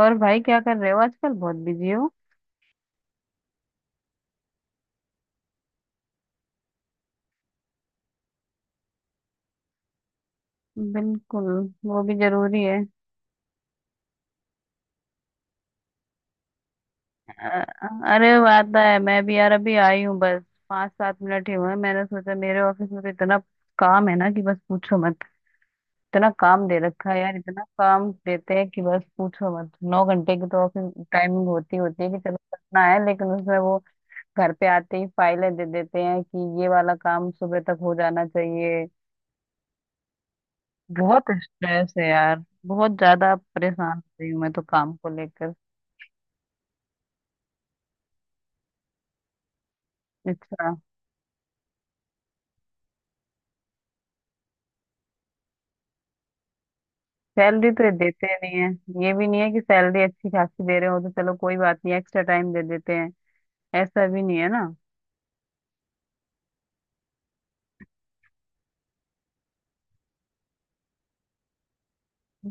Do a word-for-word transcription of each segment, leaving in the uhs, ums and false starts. और भाई, क्या कर रहे हो आजकल? बहुत बिजी हो? बिल्कुल। वो भी जरूरी है। अ- अरे वो आता है, मैं भी यार अभी आई हूँ बस। पाँच सात मिनट ही हुए हैं। मैंने सोचा मेरे ऑफिस में तो इतना काम है ना कि बस पूछो मत। इतना काम दे रखा है यार, इतना काम देते हैं कि बस पूछो मत। नौ घंटे की तो ऑफिस टाइमिंग होती होती है कि चलो करना है, लेकिन उसमें वो घर पे आते ही फाइलें दे देते हैं कि ये वाला काम सुबह तक हो जाना चाहिए। बहुत स्ट्रेस है यार। बहुत ज्यादा परेशान हो रही हूँ मैं तो काम को लेकर। अच्छा। सैलरी तो ये देते नहीं है। ये भी नहीं है कि सैलरी अच्छी खासी दे रहे हो तो चलो कोई बात नहीं, एक्स्ट्रा टाइम दे देते हैं। ऐसा भी नहीं है ना।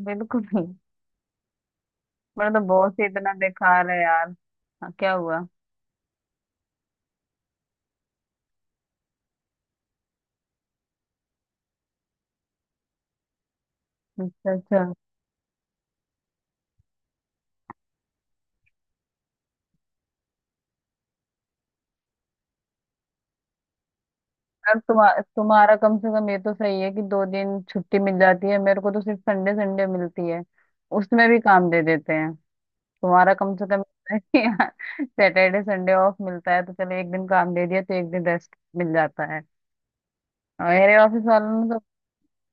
बिल्कुल नहीं। मेरा तो बॉस ही इतना बेकार है यार। हाँ, क्या हुआ? अच्छा, अच्छा। यार तुम्हा, तुम्हारा कम से कम ये तो सही है कि दो दिन छुट्टी मिल जाती है। मेरे को तो सिर्फ संडे संडे मिलती है। उसमें भी काम दे देते हैं। तुम्हारा कम से कम सैटरडे संडे ऑफ मिलता है तो चलो एक दिन काम दे दिया तो एक दिन रेस्ट मिल जाता है। और मेरे ऑफिस वालों ने तो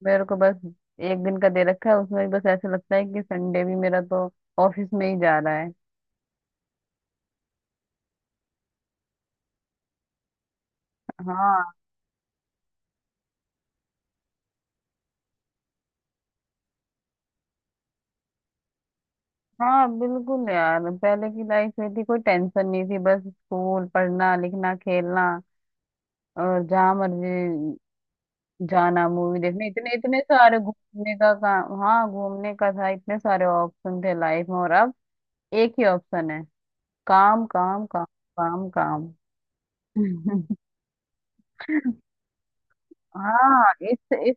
मेरे को बस एक दिन का दे रखा है। उसमें भी बस ऐसा लगता है कि संडे भी मेरा तो ऑफिस में ही जा रहा है। हाँ हाँ, बिल्कुल यार, पहले की लाइफ में थी कोई टेंशन नहीं थी, बस स्कूल, पढ़ना, लिखना, खेलना। और जहाँ मर्जी जाना, मूवी देखने, इतने इतने सारे घूमने का काम, हाँ घूमने का था, इतने सारे ऑप्शन थे लाइफ में। और अब एक ही ऑप्शन है: काम, काम, काम, काम, काम। हाँ, इस इस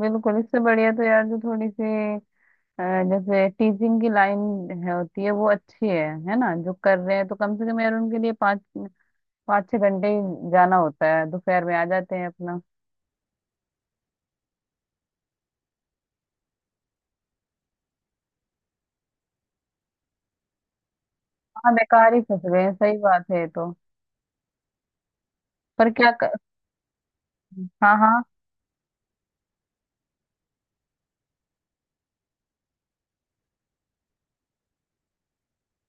बिल्कुल इससे बढ़िया तो यार जो थोड़ी सी, अ, जैसे टीचिंग की लाइन है होती है, वो अच्छी है है ना? जो कर रहे हैं तो कम से कम यार उनके लिए पाँच पाँच छह घंटे ही जाना होता है, दोपहर में आ जाते हैं अपना। हाँ, बेकार ही फंस गए हैं, सही बात है ये तो। पर क्या कर... हाँ, हाँ।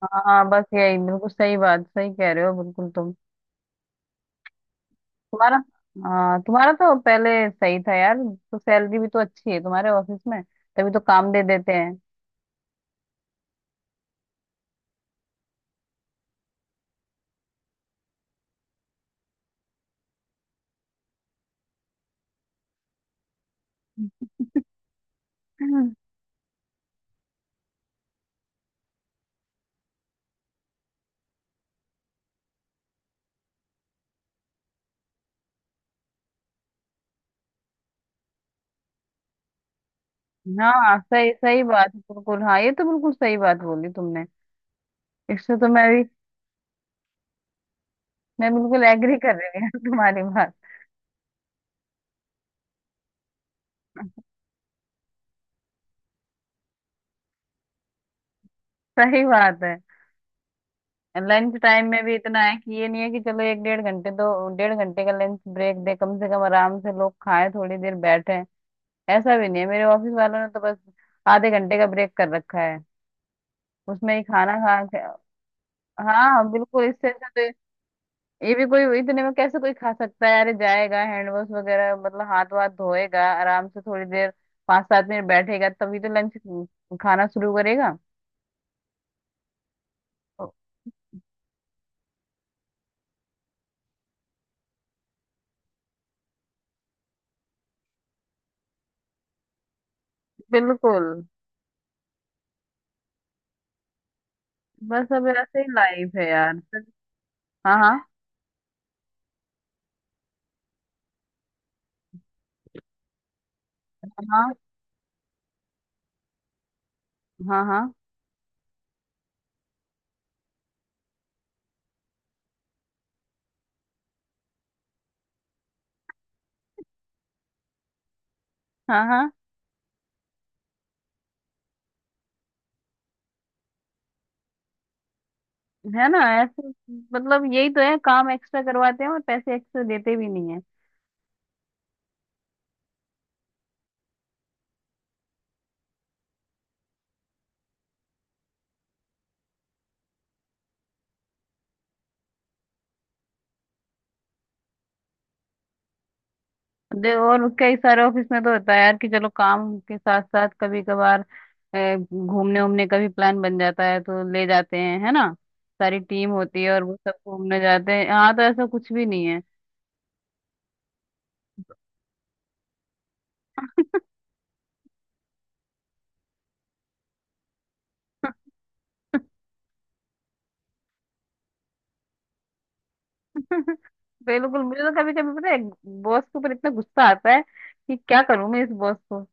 हाँ, हाँ, बस यही। बिल्कुल सही बात, सही कह रहे हो बिल्कुल तुम। तुम्हारा हाँ, तुम्हारा तो पहले सही था यार, तो सैलरी भी तो अच्छी है तुम्हारे ऑफिस में, तभी तो काम दे देते हैं। हम्म। हाँ, सही सही बात है, बिल्कुल। हाँ, ये तो बिल्कुल सही बात बोली तुमने। इससे तो मैं भी, मैं बिल्कुल एग्री कर रही हूँ यार तुम्हारी बात। सही बात है। लंच टाइम में भी इतना है कि ये नहीं है कि चलो एक डेढ़ घंटे, तो डेढ़ घंटे का लंच ब्रेक दे, कम से कम आराम से लोग खाएं, थोड़ी देर बैठे। ऐसा भी नहीं है, मेरे ऑफिस वालों ने तो बस आधे घंटे का ब्रेक कर रखा है, उसमें ही खाना खा के। हाँ, बिल्कुल इससे अच्छा तो ये ये भी कोई इतने में कैसे कोई खा सकता है यार। ये जाएगा हैंड वॉश वगैरह, मतलब हाथ वाथ धोएगा, आराम से थोड़ी देर पाँच सात मिनट बैठेगा तभी तो लंच खाना शुरू करेगा। बिल्कुल। बस अब ऐसे ही लाइफ है यार। हाँ, हाँ, हाँ, हाँ, हाँ, हाँ, हाँ। है ना? ऐसे मतलब यही तो है, काम एक्स्ट्रा करवाते हैं और पैसे एक्स्ट्रा देते भी नहीं है। दे, और कई सारे ऑफिस में तो होता है यार कि चलो काम के साथ साथ कभी कभार ए, घूमने उमने का भी प्लान बन जाता है तो ले जाते हैं, है ना? सारी टीम होती है और वो सब घूमने जाते हैं, यहाँ तो ऐसा कुछ भी नहीं है। बिल्कुल, मुझे तो कभी कभी पता है बॉस के ऊपर इतना गुस्सा आता है कि क्या करूं मैं इस बॉस को,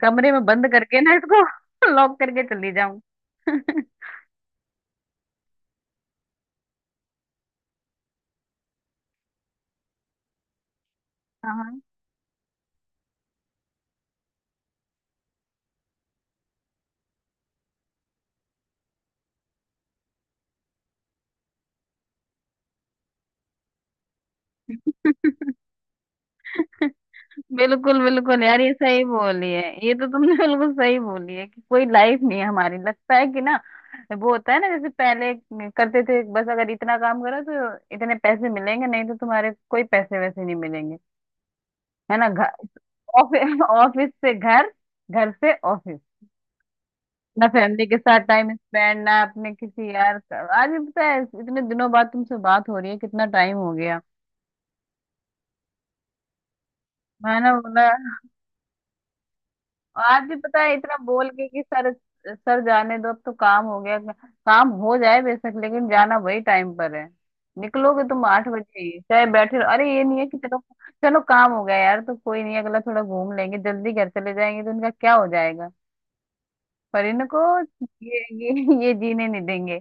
कमरे में बंद करके ना इसको लॉक करके चली जाऊं। हाँ, बिल्कुल बिल्कुल यार, ये सही बोली है ये तो तुमने, बिल्कुल सही बोली है कि कोई लाइफ नहीं है हमारी, लगता है कि ना वो होता है ना, जैसे पहले करते थे, बस अगर इतना काम करो तो इतने पैसे मिलेंगे, नहीं तो तुम्हारे कोई पैसे वैसे नहीं मिलेंगे। है ना? घर ऑफिस, ऑफिस से घर, घर से ऑफिस, ना फैमिली के साथ टाइम स्पेंड, ना अपने किसी यार का- आज भी पता है, इतने दिनों बाद तुमसे बात हो रही है, कितना टाइम हो गया। है ना? बोला, आज भी पता है, इतना बोल के कि सर, सर जाने दो, अब तो काम हो गया, काम हो जाए बेशक लेकिन जाना वही टाइम पर है। निकलोगे तुम आठ बजे ही, चाहे बैठे रहो। अरे ये नहीं है कि चलो, चलो काम हो गया यार तो कोई नहीं, अगला थोड़ा घूम लेंगे, जल्दी घर चले जाएंगे, तो इनका क्या हो जाएगा? पर इनको, ये ये ये जीने नहीं देंगे।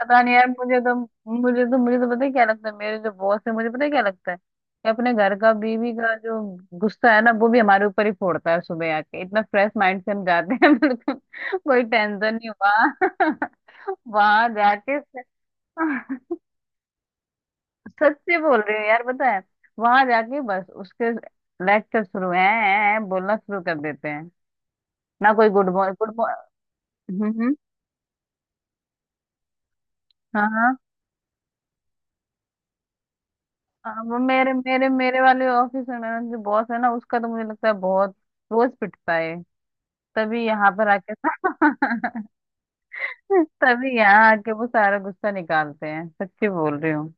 पता नहीं यार मुझे तो मुझे तो मुझे तो पता है क्या लगता है, मेरे जो बॉस है, मुझे पता है क्या लगता है कि अपने घर का, बीवी का जो गुस्सा है ना, वो भी हमारे ऊपर ही फोड़ता है। सुबह आके इतना फ्रेश माइंड से हम जाते हैं, बिल्कुल कोई टेंशन नहीं हुआ, वहां जाके, सच्ची बोल रही हूँ यार, पता है वहां जाके बस उसके लेक्चर शुरू है, बोलना शुरू कर देते हैं। ना कोई गुड मॉर्निंग, गुड मॉर्निंग। हाँ, हाँ। हाँ, वो मेरे मेरे मेरे वाले ऑफिस में मेरा जो बॉस है ना, उसका तो मुझे लगता है बहुत रोज पिटता है, तभी यहाँ पर आके, तभी यहाँ आके वो सारा गुस्सा निकालते हैं, सच्ची बोल रही हूँ।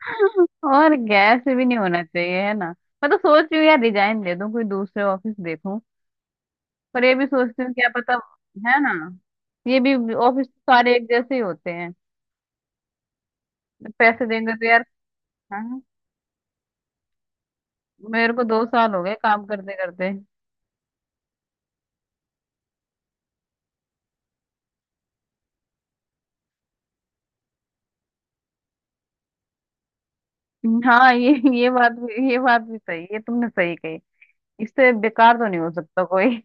और गैस भी नहीं होना चाहिए, है ना? मैं तो सोच रही हूँ यार रिजाइन दे दूँ, कोई दूसरे ऑफिस देखूँ। पर ये भी सोचती हूँ क्या पता, है ना? ये भी ऑफिस तो सारे एक जैसे ही होते हैं। पैसे देंगे तो यार। हाँ, मेरे को दो साल हो गए काम करते करते। हाँ, ये ये बात भी ये बात भी सही, ये तुमने सही कही। इससे बेकार तो नहीं हो सकता कोई।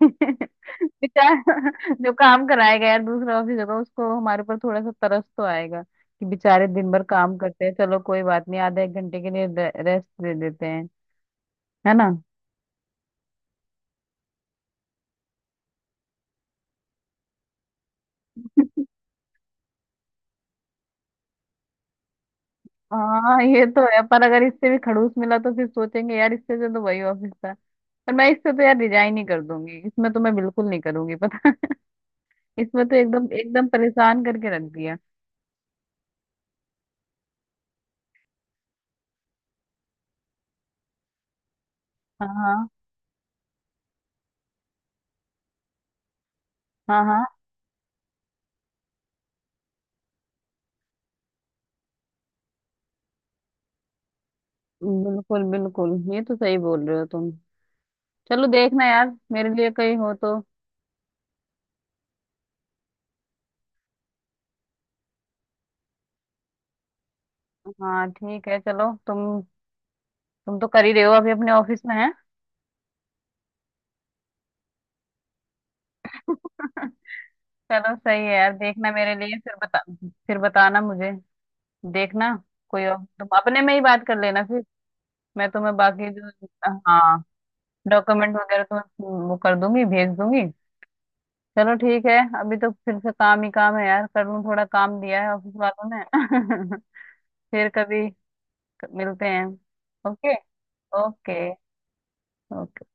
बेचारा जो काम कराएगा यार, दूसरा ऑफिस होगा, उसको हमारे ऊपर थोड़ा सा तरस तो आएगा कि बेचारे दिन भर काम करते हैं, चलो कोई बात नहीं, आधे एक घंटे के लिए रेस्ट दे देते हैं, है ना? हाँ ये तो है, पर अगर इससे भी खड़ूस मिला तो फिर सोचेंगे यार, इससे जो तो वही ऑफिस था, पर मैं इससे तो यार रिजाइन ही कर दूंगी, इसमें तो मैं बिल्कुल नहीं करूंगी पता, इसमें तो एकदम एकदम परेशान करके रख दिया। हाँ, हाँ, हाँ, हाँ। बिल्कुल, बिल्कुल ये तो सही बोल रहे हो तुम, चलो देखना यार मेरे लिए कहीं हो तो। हाँ ठीक है चलो, तुम तुम तो कर ही रहे हो अभी अपने ऑफिस में है। चलो सही है यार, देखना मेरे लिए फिर बता, फिर बताना मुझे, देखना। कोई और तुम अपने में ही बात कर लेना फिर, मैं तुम्हें बाकी जो, हाँ डॉक्यूमेंट वगैरह तुम्हें वो कर दूंगी, भेज दूंगी। चलो ठीक है, अभी तो फिर से काम ही काम है यार, कर लूँ थोड़ा, काम दिया है ऑफिस वालों ने। फिर कभी मिलते हैं। ओके। ओके। ओके।